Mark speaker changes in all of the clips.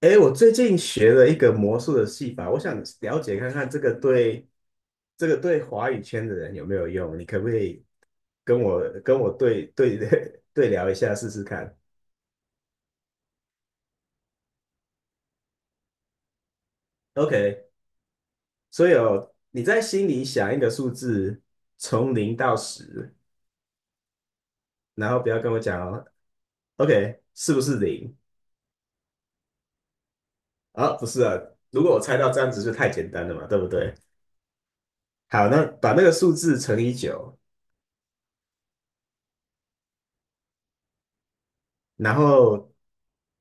Speaker 1: 哎，我最近学了一个魔术的戏法，我想了解看看这个对华语圈的人有没有用？你可不可以跟我对对 对聊一下试试看？OK，所以哦，你在心里想一个数字，从零到十，然后不要跟我讲哦。OK，是不是零？啊，不是啊，如果我猜到这样子就太简单了嘛，对不对？好，那把那个数字乘以九，然后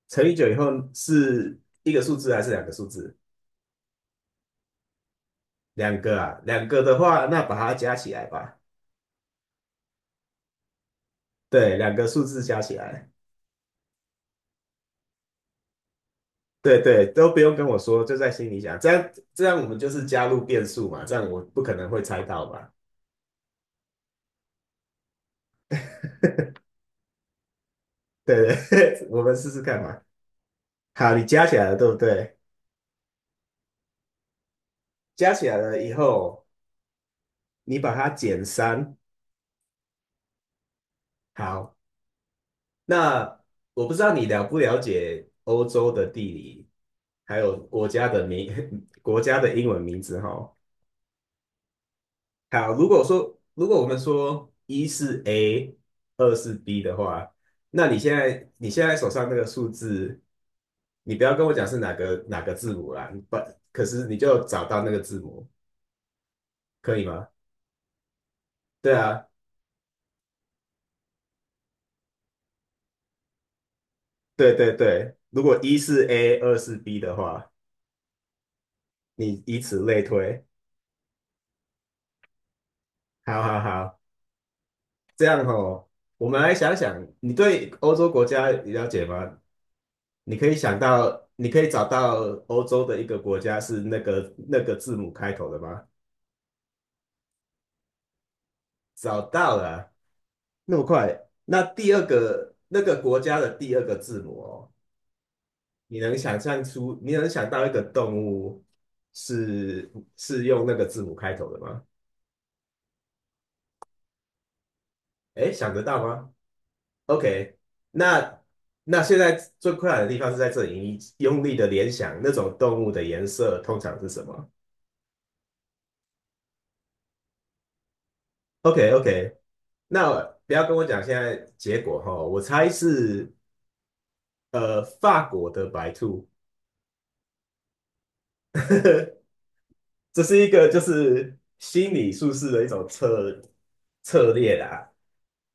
Speaker 1: 乘以九以后是一个数字还是两个数字？两个啊，两个的话，那把它加起来吧。对，两个数字加起来，对对，都不用跟我说，就在心里想，这样我们就是加入变数嘛，这样我不可能会猜到嘛。对对，我们试试看嘛。好，你加起来了，对不对？加起来了以后，你把它减三。好，那我不知道你了不了解欧洲的地理，还有国家的名 国家的英文名字哈。好，如果说如果我们说一是 A，二是 B 的话，那你现在手上那个数字，你不要跟我讲是哪个字母啦，不，可是你就找到那个字母，可以吗？对啊，对对对，如果一是 A，二是 B 的话，你以此类推。好好好。这样哦，我们来想想，你对欧洲国家了解吗？你可以想到，你可以找到欧洲的一个国家是那个字母开头的吗？找到了啊，那么快。那第二个那个国家的第二个字母哦，你能想象出，你能想到一个动物是用那个字母开头的吗？诶，想得到吗？OK，那那现在最困难的地方是在这里，你用力的联想那种动物的颜色通常是什么？OK OK，那不要跟我讲现在结果哈，我猜是法国的白兔。这是一个就是心理术士的一种策略啦。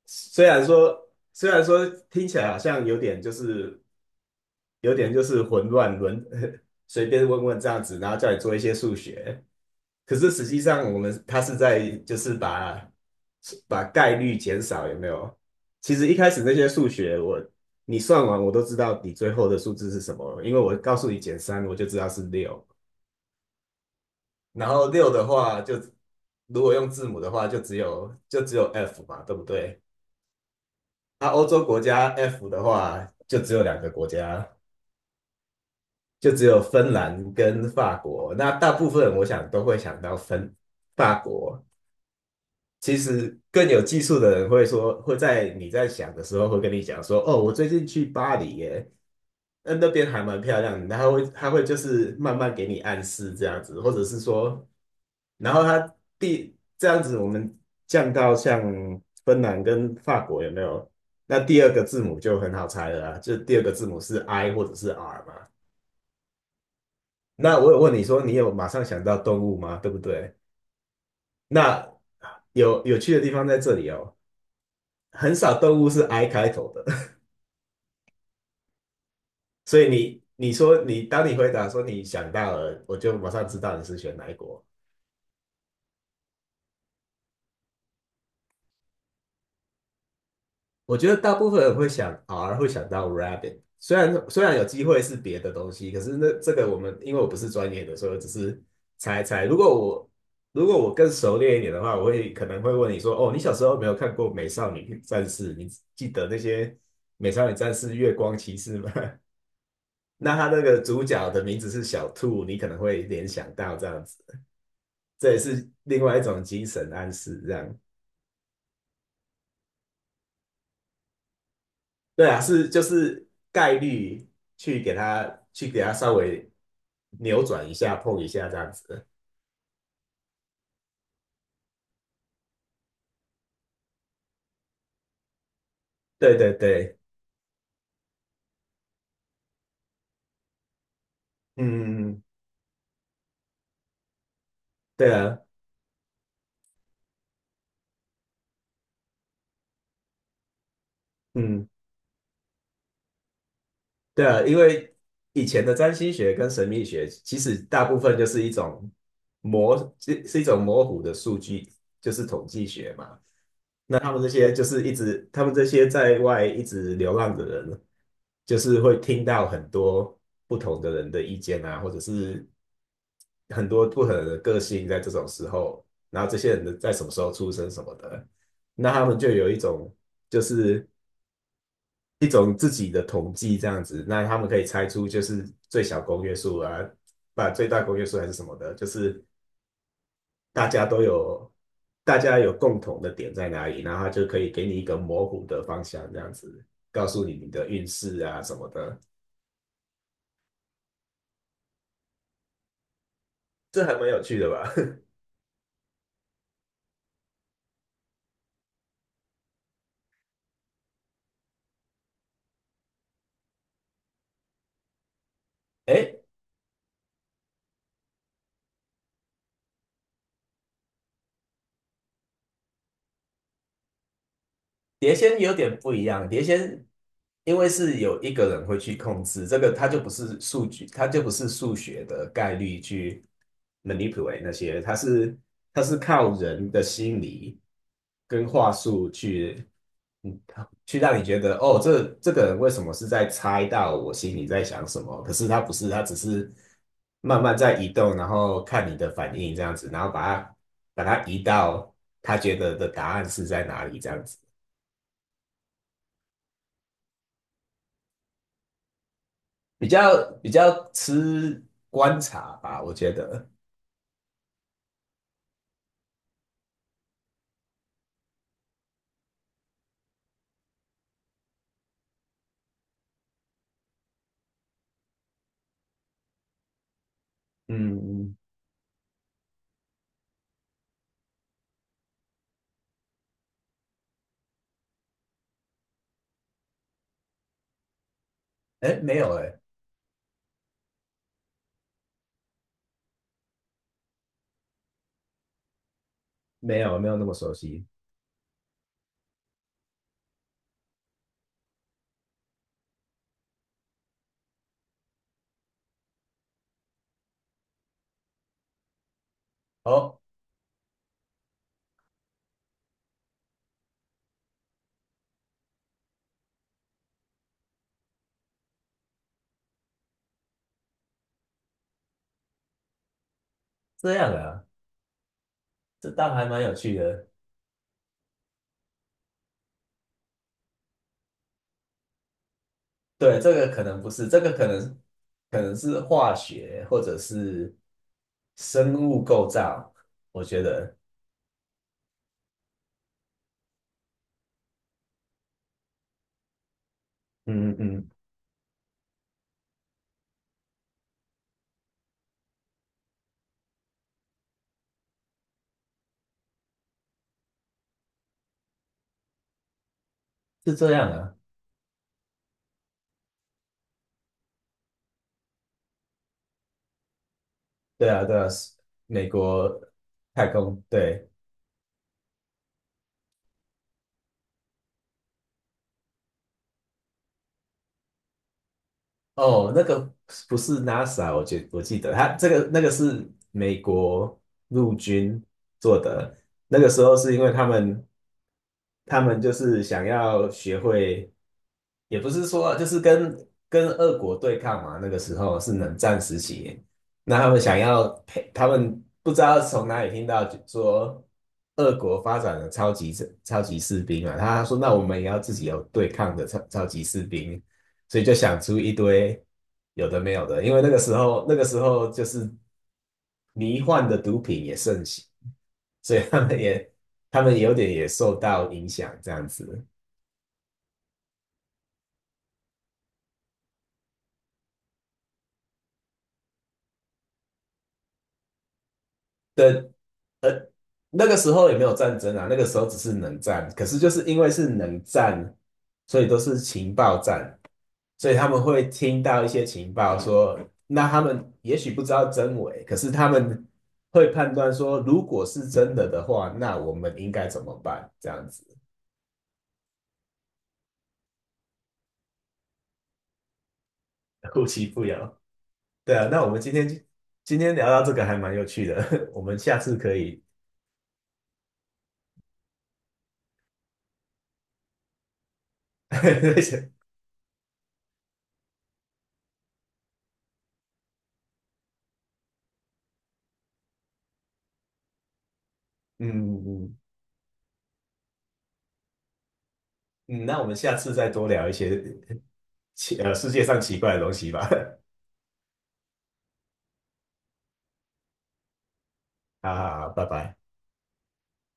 Speaker 1: 虽然说听起来好像有点就是混乱轮 随便问问这样子，然后叫你做一些数学。可是实际上，我们他是在就是把概率减少，有没有？其实一开始那些数学我，你算完我都知道你最后的数字是什么了，因为我告诉你减三，我就知道是六。然后六的话就，如果用字母的话，就只有 F 嘛，对不对？那欧洲国家 F 的话，就只有两个国家，就只有芬兰跟法国。那大部分我想都会想到法国。其实更有技术的人会说，会在你在想的时候会跟你讲说，哦，我最近去巴黎耶，那那边还蛮漂亮的。然后会他会就是慢慢给你暗示这样子，或者是说，然后他第这样子我们降到像芬兰跟法国有没有？那第二个字母就很好猜了啊，就第二个字母是 I 或者是 R 嘛。那我有问你说，你有马上想到动物吗？对不对？那有有趣的地方在这里哦，很少动物是 I 开头的。所以你说你当你回答说你想到了，我就马上知道你是选哪一国。我觉得大部分人会想 R，会想到 Rabbit。虽然有机会是别的东西，可是那这个我们因为我不是专业的，所以我只是猜猜。如果我更熟练一点的话，我会可能会问你说：“哦，你小时候有没有看过《美少女战士》？你记得那些《美少女战士》月光骑士吗？” 那他那个主角的名字是小兔，你可能会联想到这样子，这也是另外一种精神暗示，这样。对啊，是就是概率去给它稍微扭转一下，碰一下这样子。对对对，嗯，对啊，嗯，对啊，因为以前的占星学跟神秘学，其实大部分就是一种是一种模糊的数据，就是统计学嘛。那他们这些就是一直，他们这些在外一直流浪的人，就是会听到很多不同的人的意见啊，或者是很多不同的个性在这种时候，然后这些人的在什么时候出生什么的，那他们就有就是一种自己的统计这样子，那他们可以猜出就是最小公约数啊，把最大公约数还是什么的，就是大家都有大家有共同的点在哪里，然后他就可以给你一个模糊的方向这样子，告诉你你的运势啊什么的，这还蛮有趣的吧？哎，碟仙有点不一样，碟仙因为是有一个人会去控制这个，他就不是数据，他就不是数学的概率去 manipulate 那些，他是靠人的心理跟话术去，嗯，去让你觉得哦，这个人为什么是在猜到我心里在想什么？可是他不是，他只是慢慢在移动，然后看你的反应这样子，然后把它移到他觉得的答案是在哪里这样子。比较吃观察吧，我觉得。嗯，哎，没有哎，没有没有那么熟悉。哦，这样啊，这倒还蛮有趣的。对，这个可能不是，这个可能是化学或者是生物构造，我觉得嗯嗯嗯，是这样啊。对啊，对啊，是美国太空，对，哦，那个不是 NASA，我记得他这个那个是美国陆军做的，那个时候是因为他们就是想要学会，也不是说就是跟俄国对抗嘛，那个时候是冷战时期，那他们想要配，他们不知道从哪里听到说俄国发展了超级士兵啊，他说那我们也要自己有对抗的超级士兵，所以就想出一堆有的没有的，因为那个时候就是迷幻的毒品也盛行，所以他们有点也受到影响这样子。的那个时候也没有战争啊，那个时候只是冷战。可是就是因为是冷战，所以都是情报战，所以他们会听到一些情报说，那他们也许不知道真伪，可是他们会判断说，如果是真的的话，那我们应该怎么办？这样子，互其不扰。对啊，那我们今天聊到这个还蛮有趣的，我们下次可以嗯嗯。嗯嗯，那我们下次再多聊一些世界上奇怪的东西吧。好好好，拜拜。